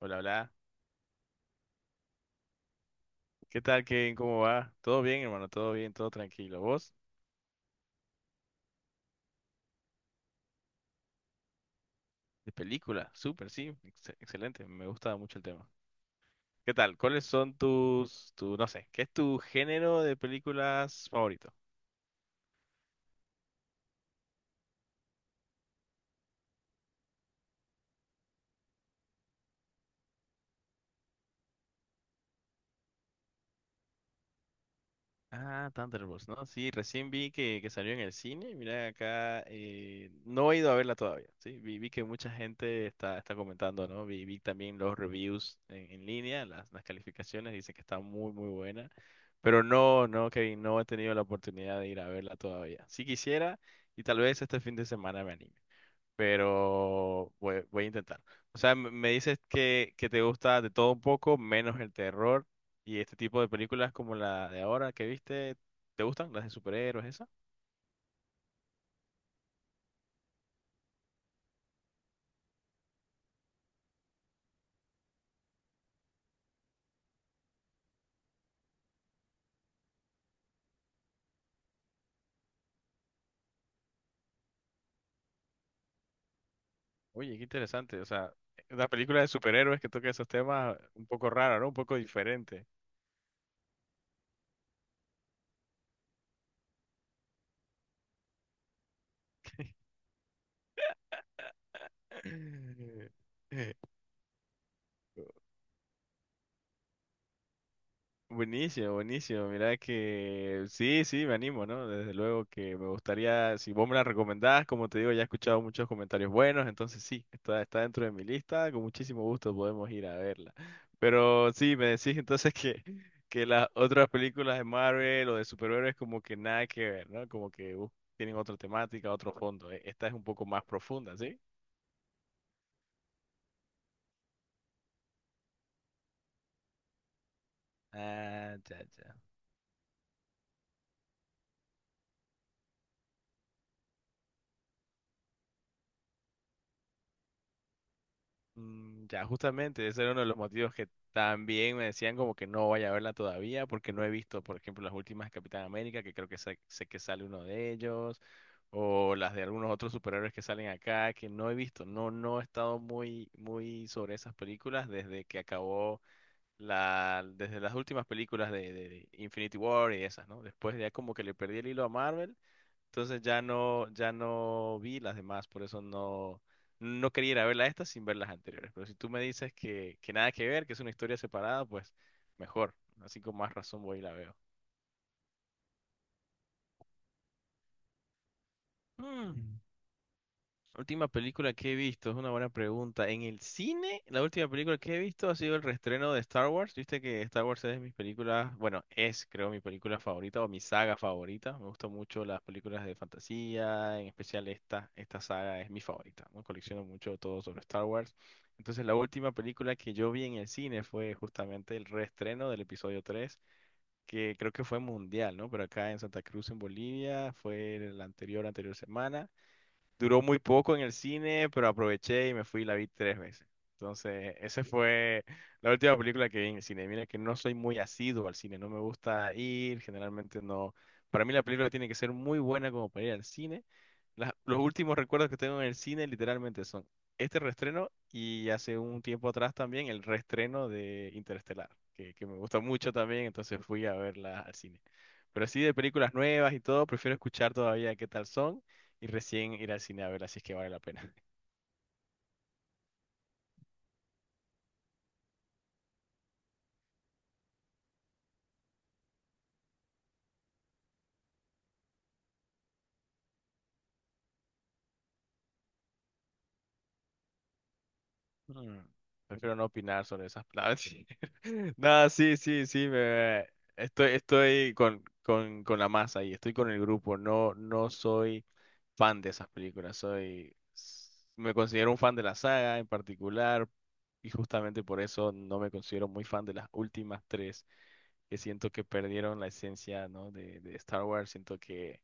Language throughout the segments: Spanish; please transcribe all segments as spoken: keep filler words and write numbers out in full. Hola, hola. ¿Qué tal, Kevin? ¿Cómo va? ¿Todo bien, hermano? ¿Todo bien? ¿Todo tranquilo? ¿Vos? De película. Súper, sí. Ex- excelente. Me gusta mucho el tema. ¿Qué tal? ¿Cuáles son tus, tu, no sé, qué es tu género de películas favorito? Ah, Thunderbolts, ¿no? Sí, recién vi que, que salió en el cine. Mira acá, eh, no he ido a verla todavía, ¿sí? Vi, vi que mucha gente está, está comentando, ¿no? Vi, vi también los reviews en, en línea, las, las calificaciones, dicen que está muy, muy buena. Pero no, no, Kevin, no he tenido la oportunidad de ir a verla todavía. Si quisiera, y tal vez este fin de semana me anime, pero voy, voy a intentar. O sea, m- me dices que, que te gusta de todo un poco, menos el terror y este tipo de películas como la de ahora que viste, ¿te gustan las de superhéroes, esa? Oye, qué interesante. O sea, una película de superhéroes que toca esos temas un poco raro, ¿no? Un poco diferente. Buenísimo, buenísimo. Mira que sí, sí, me animo, ¿no? Desde luego que me gustaría, si vos me la recomendás, como te digo, ya he escuchado muchos comentarios buenos, entonces sí, está, está dentro de mi lista, con muchísimo gusto podemos ir a verla. Pero sí, me decís entonces que, que las otras películas de Marvel o de superhéroes como que nada que ver, ¿no? Como que uh, tienen otra temática, otro fondo. eh, Esta es un poco más profunda, ¿sí? Ah, ya, ya. Mm. Ya, justamente, ese era uno de los motivos que también me decían como que no vaya a verla todavía, porque no he visto, por ejemplo, las últimas de Capitán América, que creo que sé, sé, que sale uno de ellos, o las de algunos otros superhéroes que salen acá, que no he visto. No, no he estado muy, muy sobre esas películas desde que acabó la, desde las últimas películas de, de Infinity War y esas, ¿no? Después ya como que le perdí el hilo a Marvel. Entonces ya no, ya no, vi las demás, por eso no, no quería ir a ver las estas sin ver las anteriores. Pero si tú me dices que, que nada que ver, que es una historia separada, pues mejor. Así con más razón voy y la veo. Mm. Última película que he visto, es una buena pregunta. En el cine, la última película que he visto ha sido el reestreno de Star Wars. Viste que Star Wars es de mis películas, bueno, es creo mi película favorita o mi saga favorita. Me gustan mucho las películas de fantasía, en especial esta, esta, saga es mi favorita, ¿no? Colecciono mucho todo sobre Star Wars. Entonces la última película que yo vi en el cine fue justamente el reestreno del episodio tres que creo que fue mundial, ¿no? Pero acá en Santa Cruz, en Bolivia, fue la anterior, anterior semana. Duró muy poco en el cine, pero aproveché y me fui y la vi tres veces. Entonces, esa fue la última película que vi en el cine. Mira que no soy muy asiduo al cine, no me gusta ir, generalmente no. Para mí la película tiene que ser muy buena como para ir al cine. Las- los últimos recuerdos que tengo en el cine literalmente son este reestreno y hace un tiempo atrás también el reestreno de Interestelar, que, que me gusta mucho también, entonces fui a verla al cine. Pero así de películas nuevas y todo, prefiero escuchar todavía qué tal son y recién ir al cine a verla, así es que vale la pena. Mm. Prefiero no opinar sobre esas palabras. Nada, sí, sí, sí, me- estoy, estoy con, con, con la masa y estoy con el grupo. No, no soy fan de esas películas. Soy, me considero un fan de la saga en particular y justamente por eso no me considero muy fan de las últimas tres. Que siento que perdieron la esencia, ¿no? de, de Star Wars. Siento que,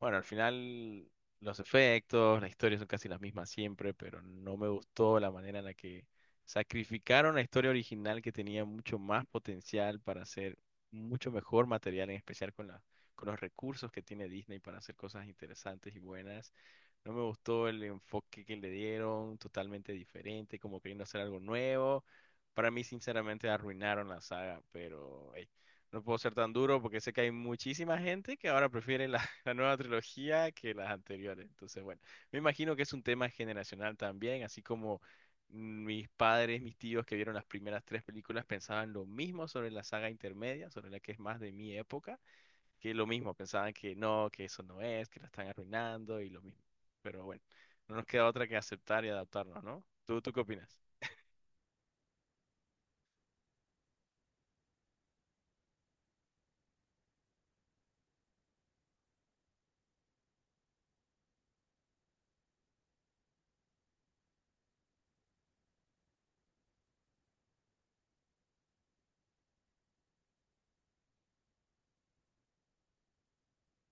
bueno, al final los efectos, las historias son casi las mismas siempre, pero no me gustó la manera en la que sacrificaron la historia original que tenía mucho más potencial para hacer mucho mejor material, en especial con la- con los recursos que tiene Disney para hacer cosas interesantes y buenas. No me gustó el enfoque que le dieron, totalmente diferente, como queriendo hacer algo nuevo. Para mí, sinceramente, arruinaron la saga, pero ey, no puedo ser tan duro porque sé que hay muchísima gente que ahora prefiere la, la nueva trilogía que las anteriores. Entonces, bueno, me imagino que es un tema generacional también, así como mis padres, mis tíos que vieron las primeras tres películas pensaban lo mismo sobre la saga intermedia, sobre la que es más de mi época que lo mismo, pensaban que no, que eso no es, que la están arruinando y lo mismo. Pero bueno, no nos queda otra que aceptar y adaptarnos, ¿no? ¿Tú, tú qué opinas?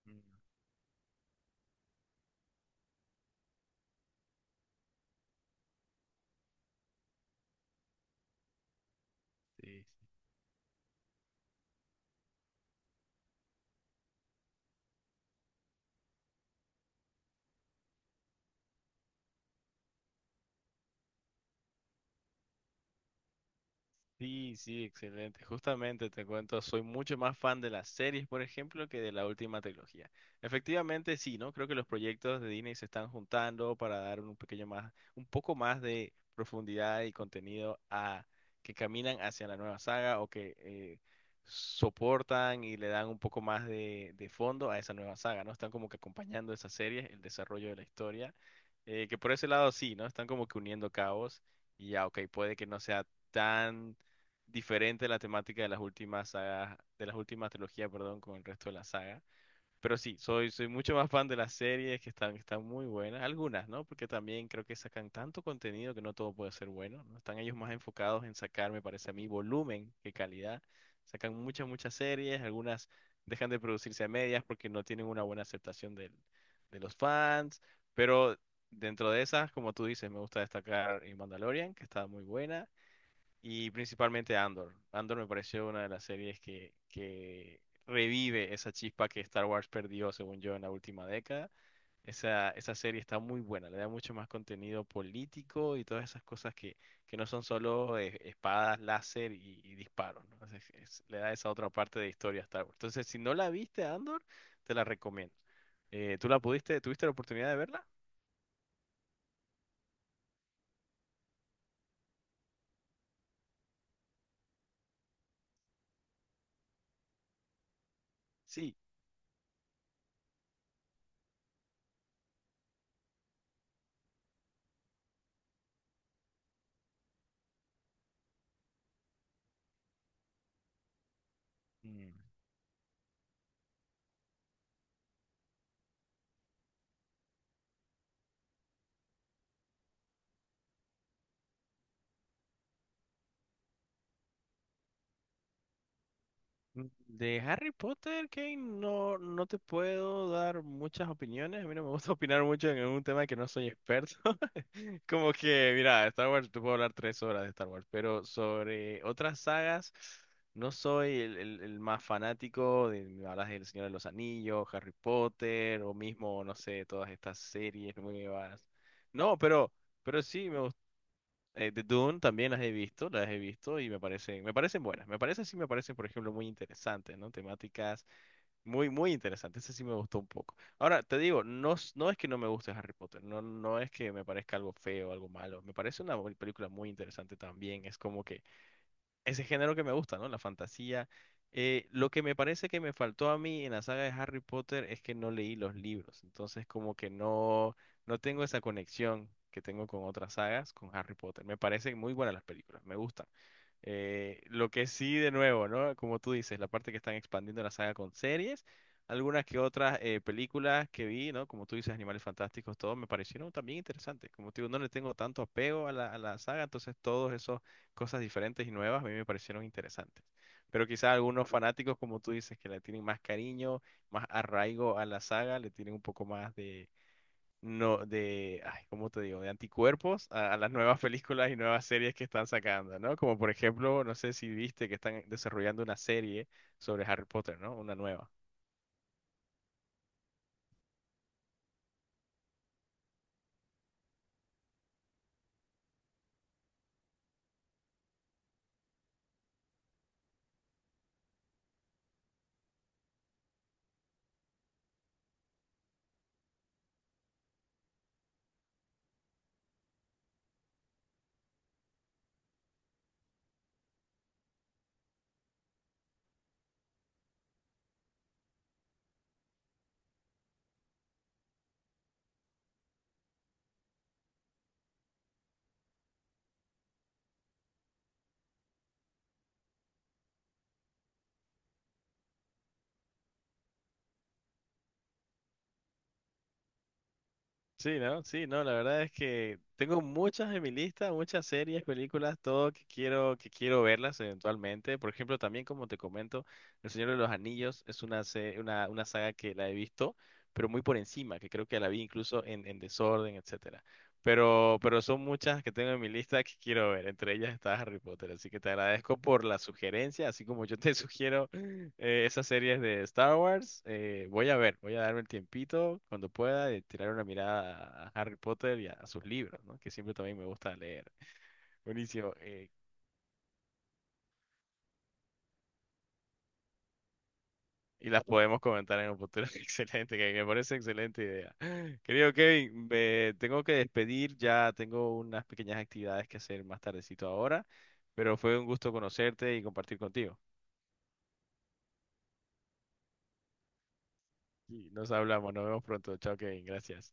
Mm. Sí. Sí, sí, excelente. Justamente te cuento, soy mucho más fan de las series, por ejemplo, que de la última trilogía. Efectivamente, sí, ¿no? Creo que los proyectos de Disney se están juntando para dar un pequeño más, un poco más de profundidad y contenido a que caminan hacia la nueva saga o que eh, soportan y le dan un poco más de, de fondo a esa nueva saga, ¿no? Están como que acompañando esas series, el desarrollo de la historia, eh, que por ese lado sí, ¿no? Están como que uniendo cabos y ya, ok, puede que no sea tan diferente la temática de las últimas sagas, de las últimas trilogías, perdón, con el resto de la saga. Pero sí, soy, soy mucho más fan de las series que están, están muy buenas, algunas, ¿no? Porque también creo que sacan tanto contenido que no todo puede ser bueno, ¿no? Están ellos más enfocados en sacar, me parece a mí, volumen que calidad. Sacan muchas, muchas series, algunas dejan de producirse a medias porque no tienen una buena aceptación del- de los fans, pero dentro de esas, como tú dices, me gusta destacar eh, Mandalorian, que está muy buena y principalmente Andor. Andor me pareció una de las series que, que, revive esa chispa que Star Wars perdió, según yo, en la última década. Esa, esa serie está muy buena, le da mucho más contenido político y todas esas cosas que, que no son solo eh, espadas, láser y, y disparos, ¿no? Entonces, es- le da esa otra parte de historia a Star Wars. Entonces, si no la viste, Andor, te la recomiendo. Eh, ¿tú la pudiste, tuviste la oportunidad de verla? Sí. Mm. De Harry Potter, Kane, no, no te puedo dar muchas opiniones. A mí no me gusta opinar mucho en un tema que no soy experto. Como que, mira, Star Wars, te puedo hablar tres horas de Star Wars, pero sobre otras sagas, no soy el, el- el más fanático. De, me hablas del Señor de los Anillos, Harry Potter, o mismo, no sé, todas estas series nuevas. No, pero, pero, sí, me eh, The Dune también las he visto, las he visto y me parecen, me parecen buenas. Me parecen, sí, me parecen, por ejemplo, muy interesantes, ¿no? Temáticas muy, muy interesantes. Ese sí me gustó un poco. Ahora, te digo, no, s- no es que no me guste Harry Potter, no, no es que me parezca algo feo, algo malo. Me parece una bu- película muy interesante también. Es como que ese género que me gusta, ¿no? La fantasía. Eh, lo que me parece que me faltó a mí en la saga de Harry Potter es que no leí los libros, entonces como que no, no tengo esa conexión que tengo con otras sagas, con Harry Potter. Me parecen muy buenas las películas, me gustan. Eh, lo que sí, de nuevo, ¿no? Como tú dices, la parte que están expandiendo la saga con series, algunas que otras eh, películas que vi, ¿no? Como tú dices, Animales Fantásticos, todo me parecieron también interesantes. Como te digo, no le tengo tanto apego a la, a la, saga, entonces todos esos cosas diferentes y nuevas, a mí me parecieron interesantes. Pero quizás algunos fanáticos, como tú dices, que le tienen más cariño, más arraigo a la saga, le tienen un poco más de, no, de, ay, ¿cómo te digo?, de anticuerpos a, a las nuevas películas y nuevas series que están sacando, ¿no? Como por ejemplo, no sé si viste que están desarrollando una serie sobre Harry Potter, ¿no? Una nueva. Sí, ¿no? Sí, no, la verdad es que tengo muchas en mi lista, muchas series, películas, todo que quiero, que quiero, verlas eventualmente. Por ejemplo, también como te comento, El Señor de los Anillos es una, se- una, una saga que la he visto, pero muy por encima, que creo que la vi incluso en, en, desorden, etcétera. Pero, pero son muchas que tengo en mi lista que quiero ver. Entre ellas está Harry Potter, así que te agradezco por la sugerencia, así como yo te sugiero eh, esas series de Star Wars. Eh, voy a ver, voy a darme el tiempito cuando pueda de tirar una mirada a Harry Potter y a, a sus libros, ¿no? Que siempre también me gusta leer. Buenísimo. Eh, y las podemos comentar en un futuro. Excelente, que me parece excelente idea. Querido Kevin, me tengo que despedir. Ya tengo unas pequeñas actividades que hacer más tardecito ahora. Pero fue un gusto conocerte y compartir contigo. Y nos hablamos, nos vemos pronto. Chao, Kevin. Gracias.